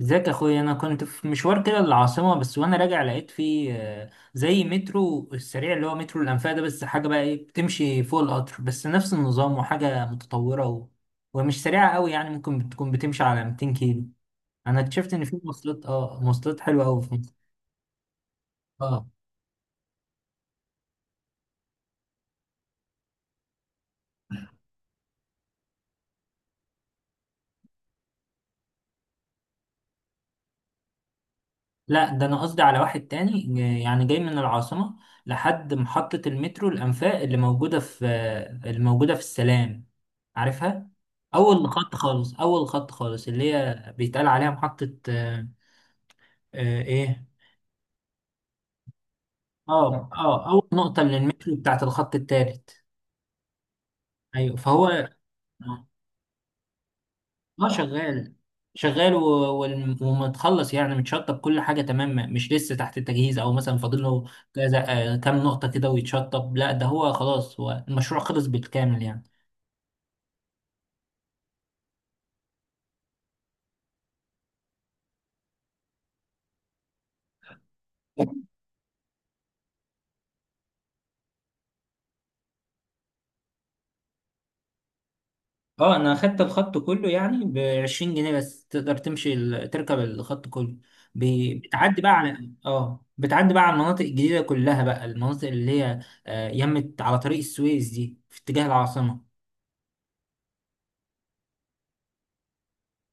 ازيك يا اخويا؟ انا كنت في مشوار كده للعاصمه، بس وانا راجع لقيت فيه زي مترو السريع اللي هو مترو الانفاق ده، بس حاجه بقى ايه، بتمشي فوق القطر بس نفس النظام، وحاجه متطوره ومش سريعه قوي، يعني ممكن بتكون بتمشي على 200 كيلو. انا اكتشفت ان في مواصلات مواصلات حلوه قوي في مصر. اه. لا، ده انا قصدي على واحد تاني، يعني جاي من العاصمة لحد محطة المترو الأنفاق اللي موجودة في السلام، عارفها؟ اول خط خالص، اللي هي بيتقال عليها محطة آه، ايه. اه اه، اول نقطة من المترو بتاعت الخط التالت. ايوه، فهو. اه، شغال. شغال و- ومتخلص، يعني متشطب، كل حاجه تمام، مش لسه تحت التجهيز او مثلا فاضل له كذا كام نقطه كده ويتشطب. لا، ده هو خلاص، هو المشروع خلص بالكامل يعني. اه، انا اخدت الخط كله يعني ب 20 جنيه بس، تقدر تمشي تركب الخط كله. بتعدي بقى على بتعدي بقى على المناطق الجديده كلها بقى، المناطق اللي هي يمت على طريق السويس دي، في اتجاه العاصمه.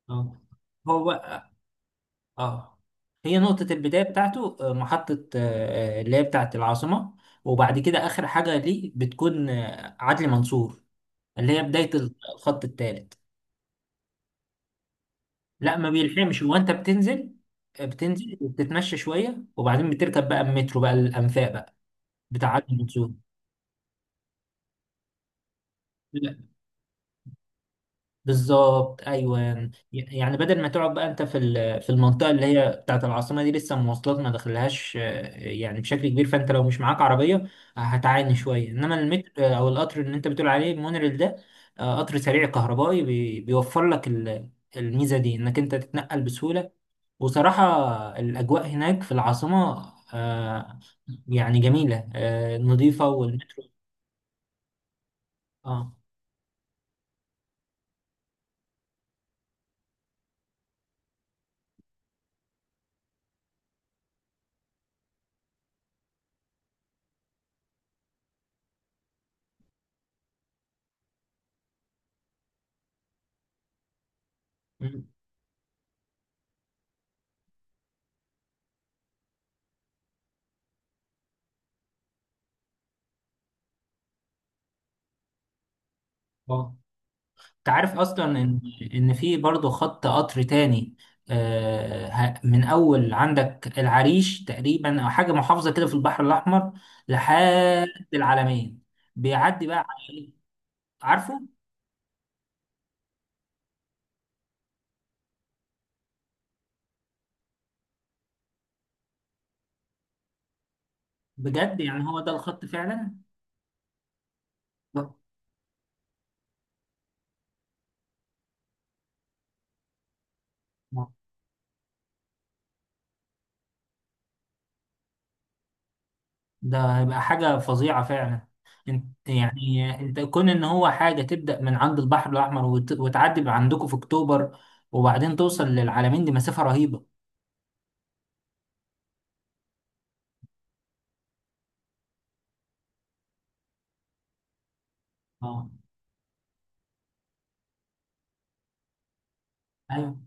اه. هو، اه، هي نقطة البداية بتاعته محطة اللي هي بتاعة العاصمة، وبعد كده آخر حاجة ليه بتكون عدلي منصور، اللي هي بداية الخط الثالث. لا، ما بيلحمش، هو أنت بتنزل بتنزل وبتتمشى شوية، وبعدين بتركب بقى المترو بقى الأنفاق بقى بتاع عدلي منصور. بالظبط، ايوه. يعني بدل ما تقعد بقى انت في في المنطقه اللي هي بتاعت العاصمه دي، لسه المواصلات ما دخلهاش يعني بشكل كبير، فانت لو مش معاك عربيه هتعاني شويه، انما المترو او القطر اللي انت بتقول عليه المونريل ده قطر سريع كهربائي، بيوفر لك الميزه دي، انك انت تتنقل بسهوله. وصراحه الاجواء هناك في العاصمه آه، يعني جميله نظيفه، والمترو. اه. مم. اه، انت عارف اصلا ان في برضه خط قطر تاني من اول عندك العريش تقريبا، او حاجه محافظه كده في البحر الاحمر لحد العلمين، بيعدي بقى على- إيه؟ عارفه. بجد، يعني هو ده الخط فعلا؟ ده هيبقى حاجه فظيعه فعلا. انت يعني انت كون ان هو حاجه تبدا من عند البحر الاحمر وتعدي عندكم في اكتوبر وبعدين توصل للعلمين، دي مسافه رهيبه. اه. ايوه،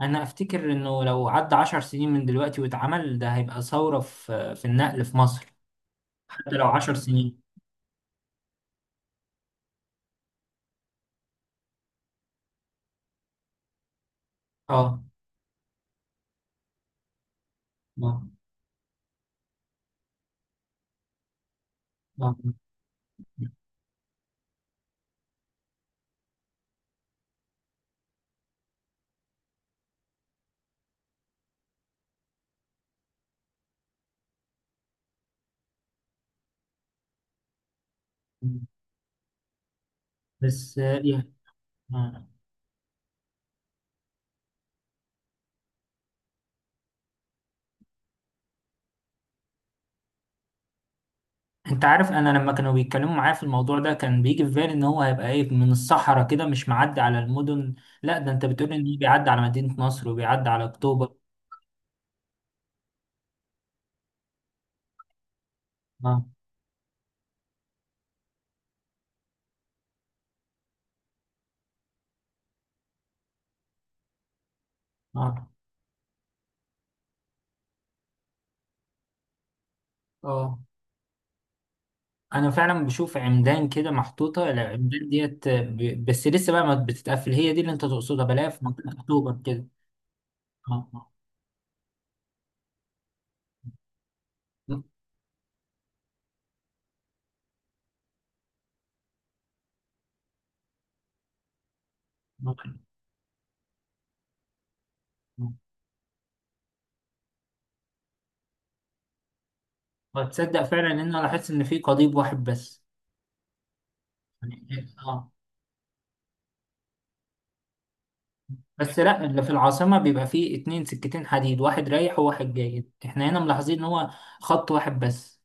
انا افتكر انه لو عدى 10 سنين من دلوقتي واتعمل، ده هيبقى ثورة في في النقل في مصر. حتى لو 10 سنين. اه. اه. اه، بس يعني. آه. انت عارف، انا لما كانوا بيتكلموا معايا في الموضوع ده، كان بيجي في بالي ان هو هيبقى ايه، من الصحراء كده، مش معدي على المدن. لا، ده انت بتقول ان بيعدي على مدينة نصر وبيعدي على اكتوبر. اه. اه. اه، انا فعلا بشوف عمدان كده محطوطة، العمدان ديت بس لسه بقى ما بتتقفل، هي دي اللي انت تقصدها؟ بلاقيها في منطقة اكتوبر كده. اه. آه. ممكن. آه. وتصدق فعلا ان انا لاحظت ان في قضيب واحد بس. يعني إيه؟ اه. بس لا، اللي في العاصمة بيبقى فيه اتنين سكتين حديد، واحد رايح وواحد جاي، احنا هنا ملاحظين ان هو خط واحد بس.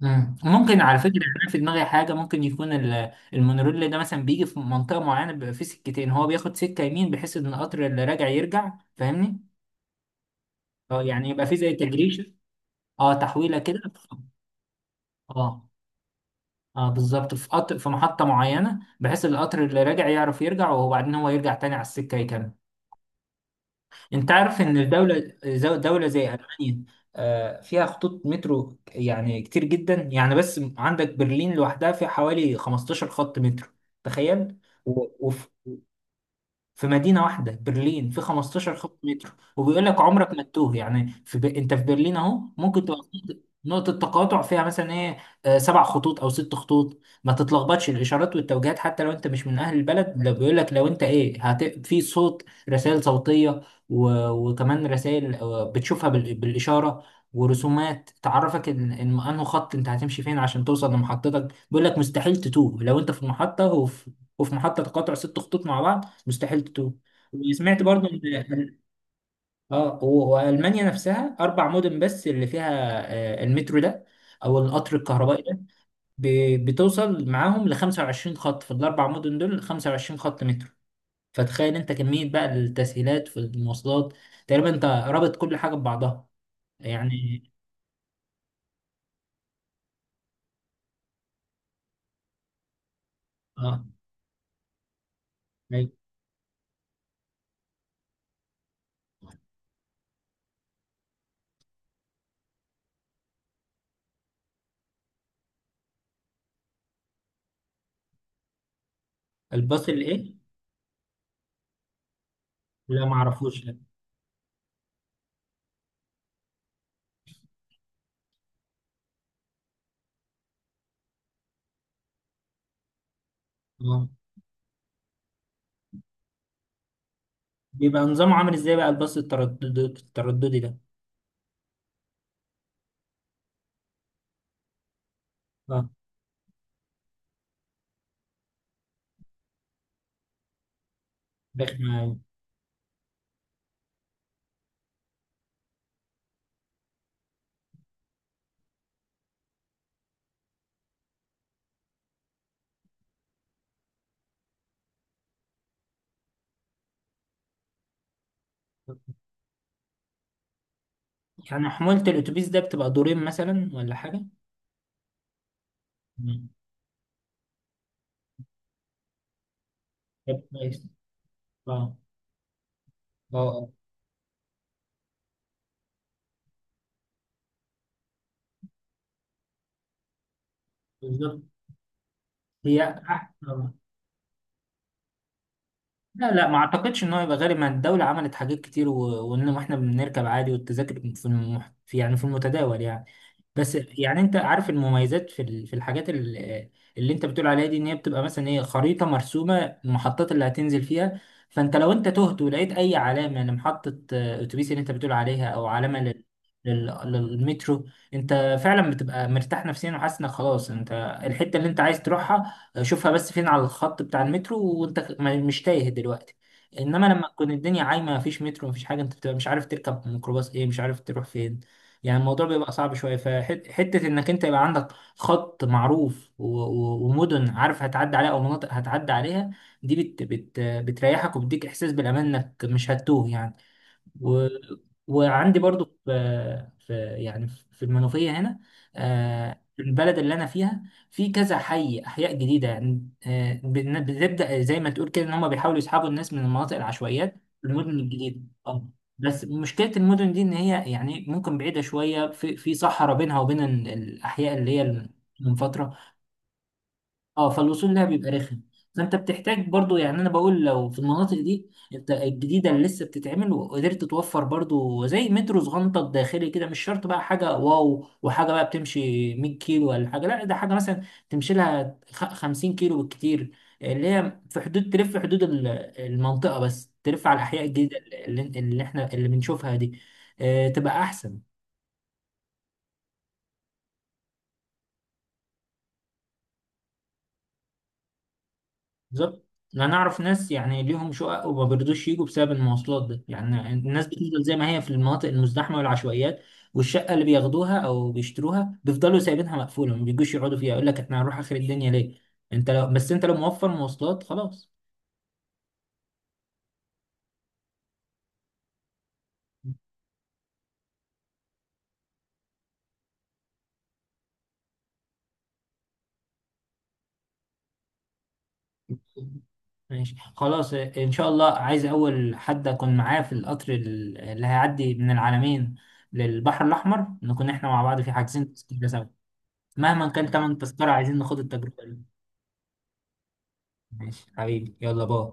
مم. ممكن على فكرة، يعني انا في دماغي حاجة، ممكن يكون المونوريل ده مثلا بيجي في منطقة معينة بيبقى فيه سكتين، هو بياخد سكة يمين بحيث ان القطر اللي راجع يرجع، فاهمني؟ اه، يعني يبقى فيه زي تجريش، اه، تحويلة كده. اه. اه، بالظبط، في قطر في محطة معينة، بحيث القطر اللي راجع يعرف يرجع، وبعدين هو يرجع تاني على السكة يكمل. انت عارف ان الدولة دولة زي ألمانيا فيها خطوط مترو يعني كتير جدا يعني، بس عندك برلين لوحدها فيها حوالي 15 خط مترو. تخيل، في مدينة واحدة، برلين، في 15 خط مترو. وبيقول لك عمرك ما تتوه، يعني في انت في برلين اهو، ممكن تبقى نقطة تقاطع فيها مثلا ايه 7 خطوط او 6 خطوط، ما تتلخبطش، الاشارات والتوجيهات، حتى لو انت مش من اهل البلد، لو بيقول لك لو انت ايه في صوت، رسائل صوتية، وكمان رسائل بتشوفها بالاشارة، ورسومات تعرفك ان ان انه خط انت هتمشي فين عشان توصل لمحطتك. بيقول لك مستحيل تتوه، لو انت في المحطة وفي محطة تقاطع 6 خطوط مع بعض، مستحيل تتوه. وسمعت برضو ان اه والمانيا نفسها 4 مدن بس اللي فيها المترو ده، او القطر الكهربائي ده، بتوصل معاهم ل 25 خط، في ال4 مدن دول 25 خط مترو. فتخيل انت كمية بقى التسهيلات في المواصلات، تقريبا انت رابط كل حاجة ببعضها يعني. اه. أيوة. الباص الايه؟ لا، معرفوش، لا. اه، بيبقى نظامه عامل ازاي بقى، الباص الترددي ده؟ اه، رخم أوي. يعني حمولة الأتوبيس ده بتبقى دورين مثلا ولا حاجة؟ مم. طب كويس. اه. اه. آه. بالظبط. هي أحسن. لا لا، ما اعتقدش ان هو يبقى غالي، ما الدولة عملت حاجات كتير وان احنا بنركب عادي، والتذاكر في, في يعني في المتداول يعني. بس يعني انت عارف المميزات في في الحاجات اللي انت بتقول عليها دي، ان هي بتبقى مثلا ايه، خريطة مرسومة، المحطات اللي هتنزل فيها، فانت لو انت تهت ولقيت اي علامة لمحطة اتوبيس اللي انت بتقول عليها، او علامة لل... للمترو، انت فعلا بتبقى مرتاح نفسيا، وحاسس انك خلاص انت الحتة اللي انت عايز تروحها، شوفها بس فين على الخط بتاع المترو، وانت مش تايه دلوقتي. انما لما تكون الدنيا عايمه، مفيش مترو مفيش حاجه، انت بتبقى مش عارف تركب ميكروباص ايه، مش عارف تروح فين، يعني الموضوع بيبقى صعب شويه. فحته انك انت يبقى عندك خط معروف ومدن عارف هتعدي عليها او مناطق هتعدي عليها، دي بت بت بتريحك وبتديك احساس بالامان انك مش هتتوه يعني. و... وعندي برضو في يعني في المنوفية هنا في البلد اللي أنا فيها في كذا حي، أحياء جديدة يعني بنبدأ زي ما تقول كده، إن هم بيحاولوا يسحبوا الناس من المناطق العشوائيات للمدن الجديدة. اه. بس مشكلة المدن دي، إن هي يعني ممكن بعيدة شوية، في في صحراء بينها وبين الأحياء اللي هي المنفترة. اه، فالوصول لها بيبقى رخم، فانت بتحتاج برضو، يعني انا بقول لو في المناطق دي انت الجديده اللي لسه بتتعمل، وقدرت توفر برضو زي مترو صغنطه داخلي كده، مش شرط بقى حاجه واو وحاجه بقى بتمشي 100 كيلو ولا حاجه، لا ده حاجه مثلا تمشي لها 50 كيلو بالكتير، اللي هي في حدود تلف، في حدود المنطقه بس، تلف على الاحياء الجديده اللي بنشوفها دي تبقى احسن. بالظبط، يعني انا اعرف ناس يعني ليهم شقق وما بيرضوش يجوا بسبب المواصلات ده، يعني الناس بتفضل زي ما هي في المناطق المزدحمه والعشوائيات، والشقه اللي بياخدوها او بيشتروها بيفضلوا سايبينها مقفوله، ما بيجوش يقعدوا فيها، يقول لك احنا هنروح اخر الدنيا ليه؟ انت لو بس، انت لو موفر مواصلات خلاص. ماشي، خلاص، ان شاء الله. عايز اول حد اكون معاه في القطر اللي هيعدي من العلمين للبحر الاحمر، نكون احنا مع بعض، في حاجزين تذكره سوا، مهما كان تمن تذكره، عايزين ناخد التجربه. ماشي حبيبي، يلا باي.